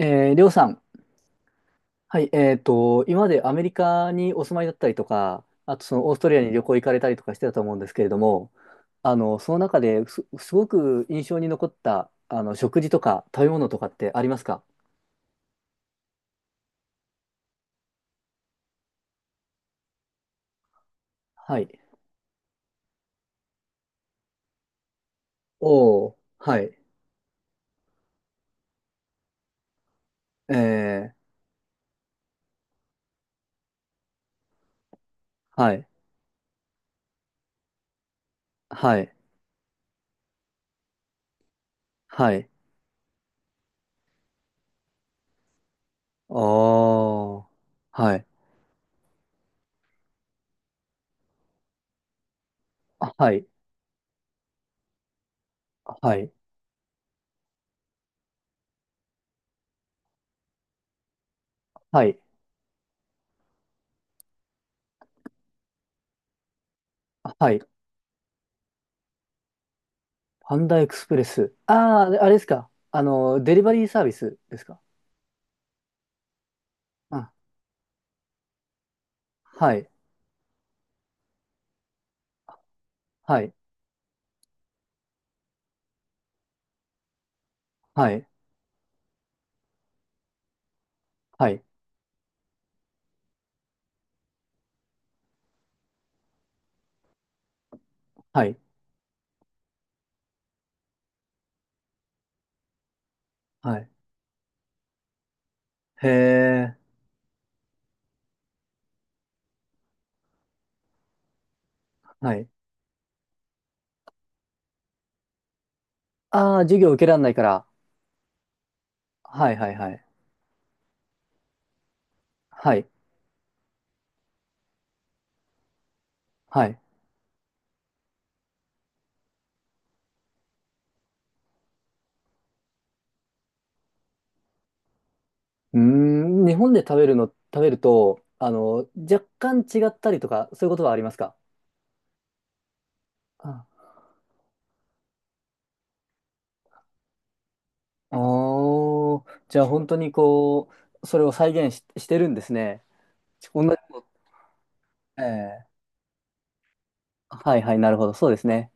りょうさん。はい、今までアメリカにお住まいだったりとか、あとそのオーストラリアに旅行行かれたりとかしてたと思うんですけれども、その中です、すごく印象に残った、食事とか食べ物とかってありますか？はい。おー、はい。えー、はい、はい、はい。おー、はい、あはい、はい、はい、あはい。パンダエクスプレス。ああ、あれですか。あの、デリバリーサービスですか。あ、はい。はい。はい、はい、はい、はい。へえ、はい。ああ、授業受けられないから。はい、はい、はい。はい、はい。うーん、日本で食べるの、食べると、あの、若干違ったりとか、そういうことはありますか？ああー、じゃあ本当にそれを再現し、してるんですね。ち同じこと。ええはいはい、なるほど、そうですね。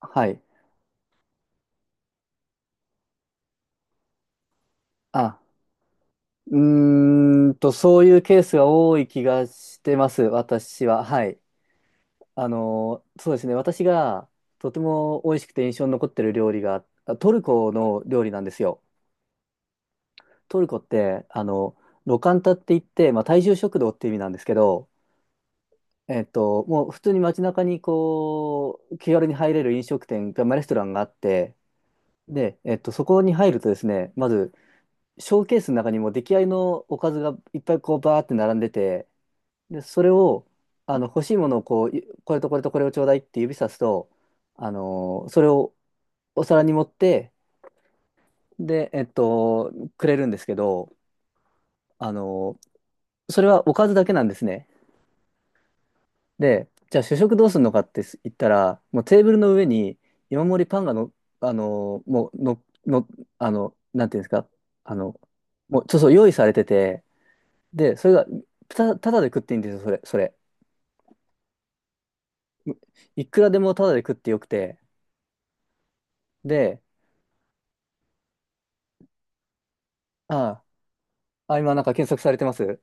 はい。あ、うーんと、そういうケースが多い気がしてます、私は。はい。あの、そうですね。私がとても美味しくて印象に残ってる料理が、あトルコの料理なんですよ。トルコって、ロカンタって言って、まあ、大衆食堂って意味なんですけど、えっと、もう普通に街中にこう、気軽に入れる飲食店が、まあ、レストランがあって、で、えっと、そこに入るとですね、まず、ショーケースの中にも出来合いのおかずがいっぱいこう、バーって並んでて、で、それを、欲しいものをこう、いこれとこれとこれをちょうだいって指さすと、それをお皿に盛って、で、えっと、くれるんですけど、あのそれはおかずだけなんですね。で、じゃあ主食どうするのかって言ったら、もうテーブルの上に山盛りパンがの、あのーもうの、の、あの、なんていうんですか、あの、もう、そうそう、用意されてて、で、それが、ただで食っていいんですよ、それ。いくらでもただで食ってよくて、で、ああ、あ、今なんか検索されてます。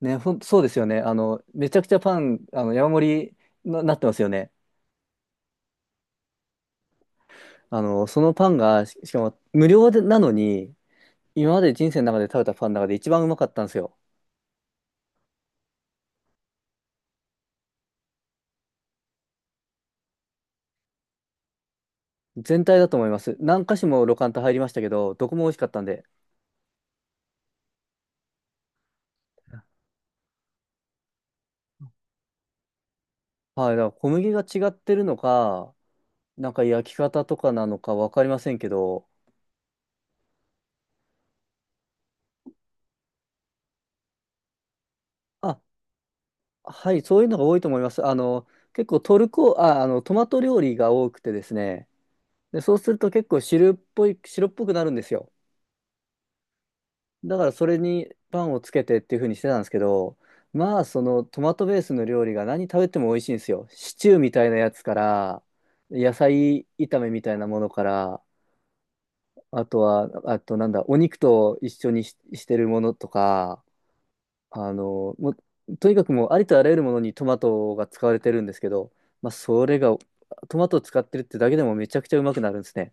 そうですよね。めちゃくちゃパン、山盛りな、なってますよね。あの、そのパンが、しかも無料でなのに、今まで人生の中で食べたパンの中で一番うまかったんですよ。全体だと思います。何箇所もロカンタ入りましたけど、どこも美味しかったんで。はい、だから小麦が違ってるのか、なんか焼き方とかなのかわかりませんけど、あ、はい、そういうのが多いと思います。結構トルコ、あ、あの、トマト料理が多くてですね、で、そうすると結構汁っぽい、白っぽくなるんですよ。だからそれにパンをつけてっていう風にしてたんですけど、まあそのトマトベースの料理が何食べても美味しいんですよ。シチューみたいなやつから、野菜炒めみたいなものから、あとは、あとなんだ、お肉と一緒にし、してるものとか、あの、もとにかくもうありとあらゆるものにトマトが使われてるんですけど、まあそれが、トマトを使ってるってだけでもめちゃくちゃうまくなるんですね。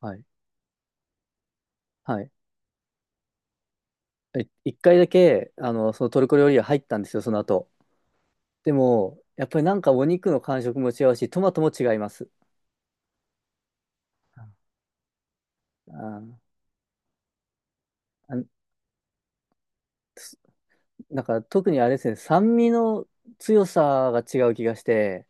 はい。はい。え一回だけ、あの、そのトルコ料理屋入ったんですよ、その後。でも、やっぱりなんかお肉の感触も違うし、トマトも違います。あー、あ、なんか特にあれですね、酸味の強さが違う気がして、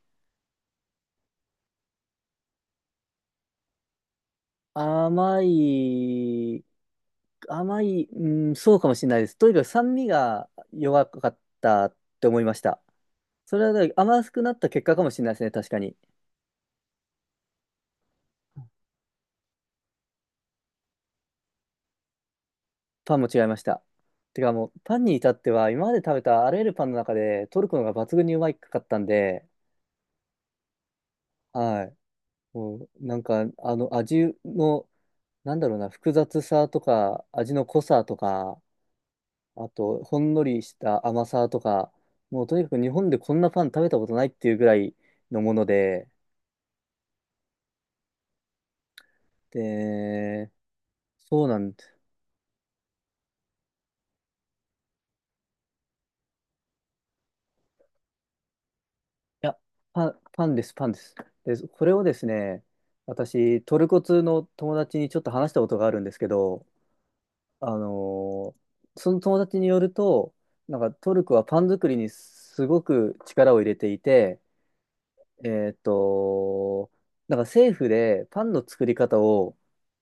甘い、甘い、うん、そうかもしれないです。とにかく酸味が弱かったって思いました。それはだから甘くなった結果かもしれないですね、確かに。パンも違いました。てかもう、パンに至っては、今まで食べたあらゆるパンの中で、トルコのが抜群にうまいかったんで、はい。もう、なんか、あの、味の、なんだろうな、複雑さとか、味の濃さとか、あと、ほんのりした甘さとか、もう、とにかく日本でこんなパン食べたことないっていうぐらいのもので、で、そうなんです。いや、パンです、パンです。で、これをですね、私、トルコ通の友達にちょっと話したことがあるんですけど、あのーその友達によると、なんかトルコはパン作りにすごく力を入れていて、えーっと、なんか政府でパンの作り方を、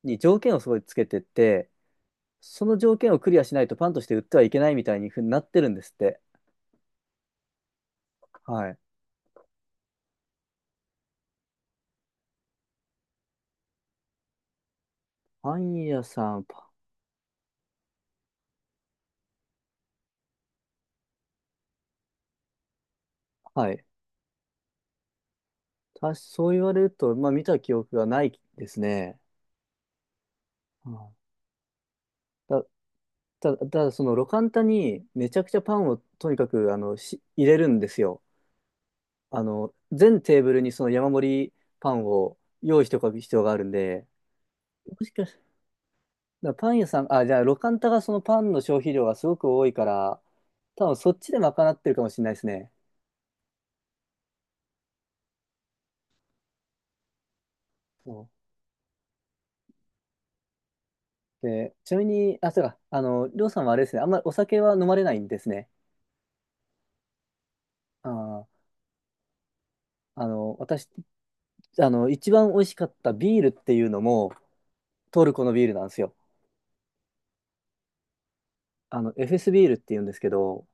に条件をすごいつけてって、その条件をクリアしないとパンとして売ってはいけないみたいにふうになってるんですって。はい。パン屋さん、パはい。たそう言われると、まあ見た記憶がないですね。うんた、ただそのロカンタにめちゃくちゃパンをとにかくあのし入れるんですよ。あの、全テーブルにその山盛りパンを用意しておく必要があるんで、もしかしだからパン屋さん、あ、じゃあ、ロカンタがそのパンの消費量がすごく多いから、多分そっちで賄ってるかもしれないですね。そう。で、ちなみに、あ、そうか、りょうさんはあれですね、あんまりお酒は飲まれないんですね。ああ、あの、私、あの、一番美味しかったビールっていうのも、トルコのビールなんですよ。あの、エフエスビールっていうんですけど、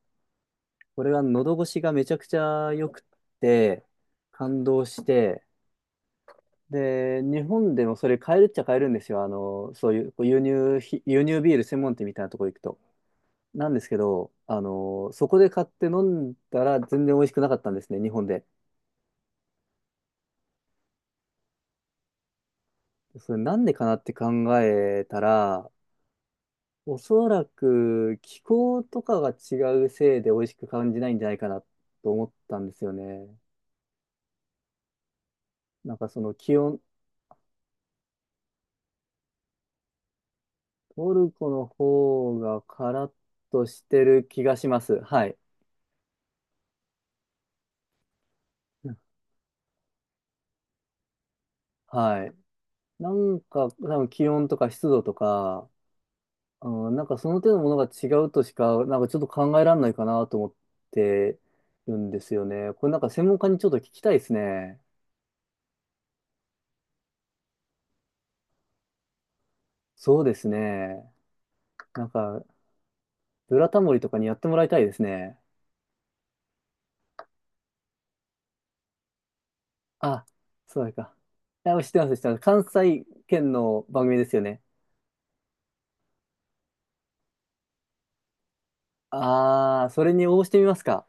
これが喉越しがめちゃくちゃ良くて、感動して、で、日本でもそれ買えるっちゃ買えるんですよ。あの、そういうこう輸入ビール専門店みたいなとこ行くと。なんですけど、あの、そこで買って飲んだら全然美味しくなかったんですね、日本で。それなんでかなって考えたら、おそらく気候とかが違うせいで美味しく感じないんじゃないかなと思ったんですよね。なんかその気温、トルコの方がカラッとしてる気がします。はい。うんはい。なんか、多分気温とか湿度とか、うん、なんかその手のものが違うとしか、なんかちょっと考えられないかなと思ってるんですよね。これなんか専門家にちょっと聞きたいですね。そうですね。なんか、ブラタモリとかにやってもらいたいですね。あ、そうだか。あ、知ってます、知ってます。関西圏の番組ですよね。あー、それに応募してみますか。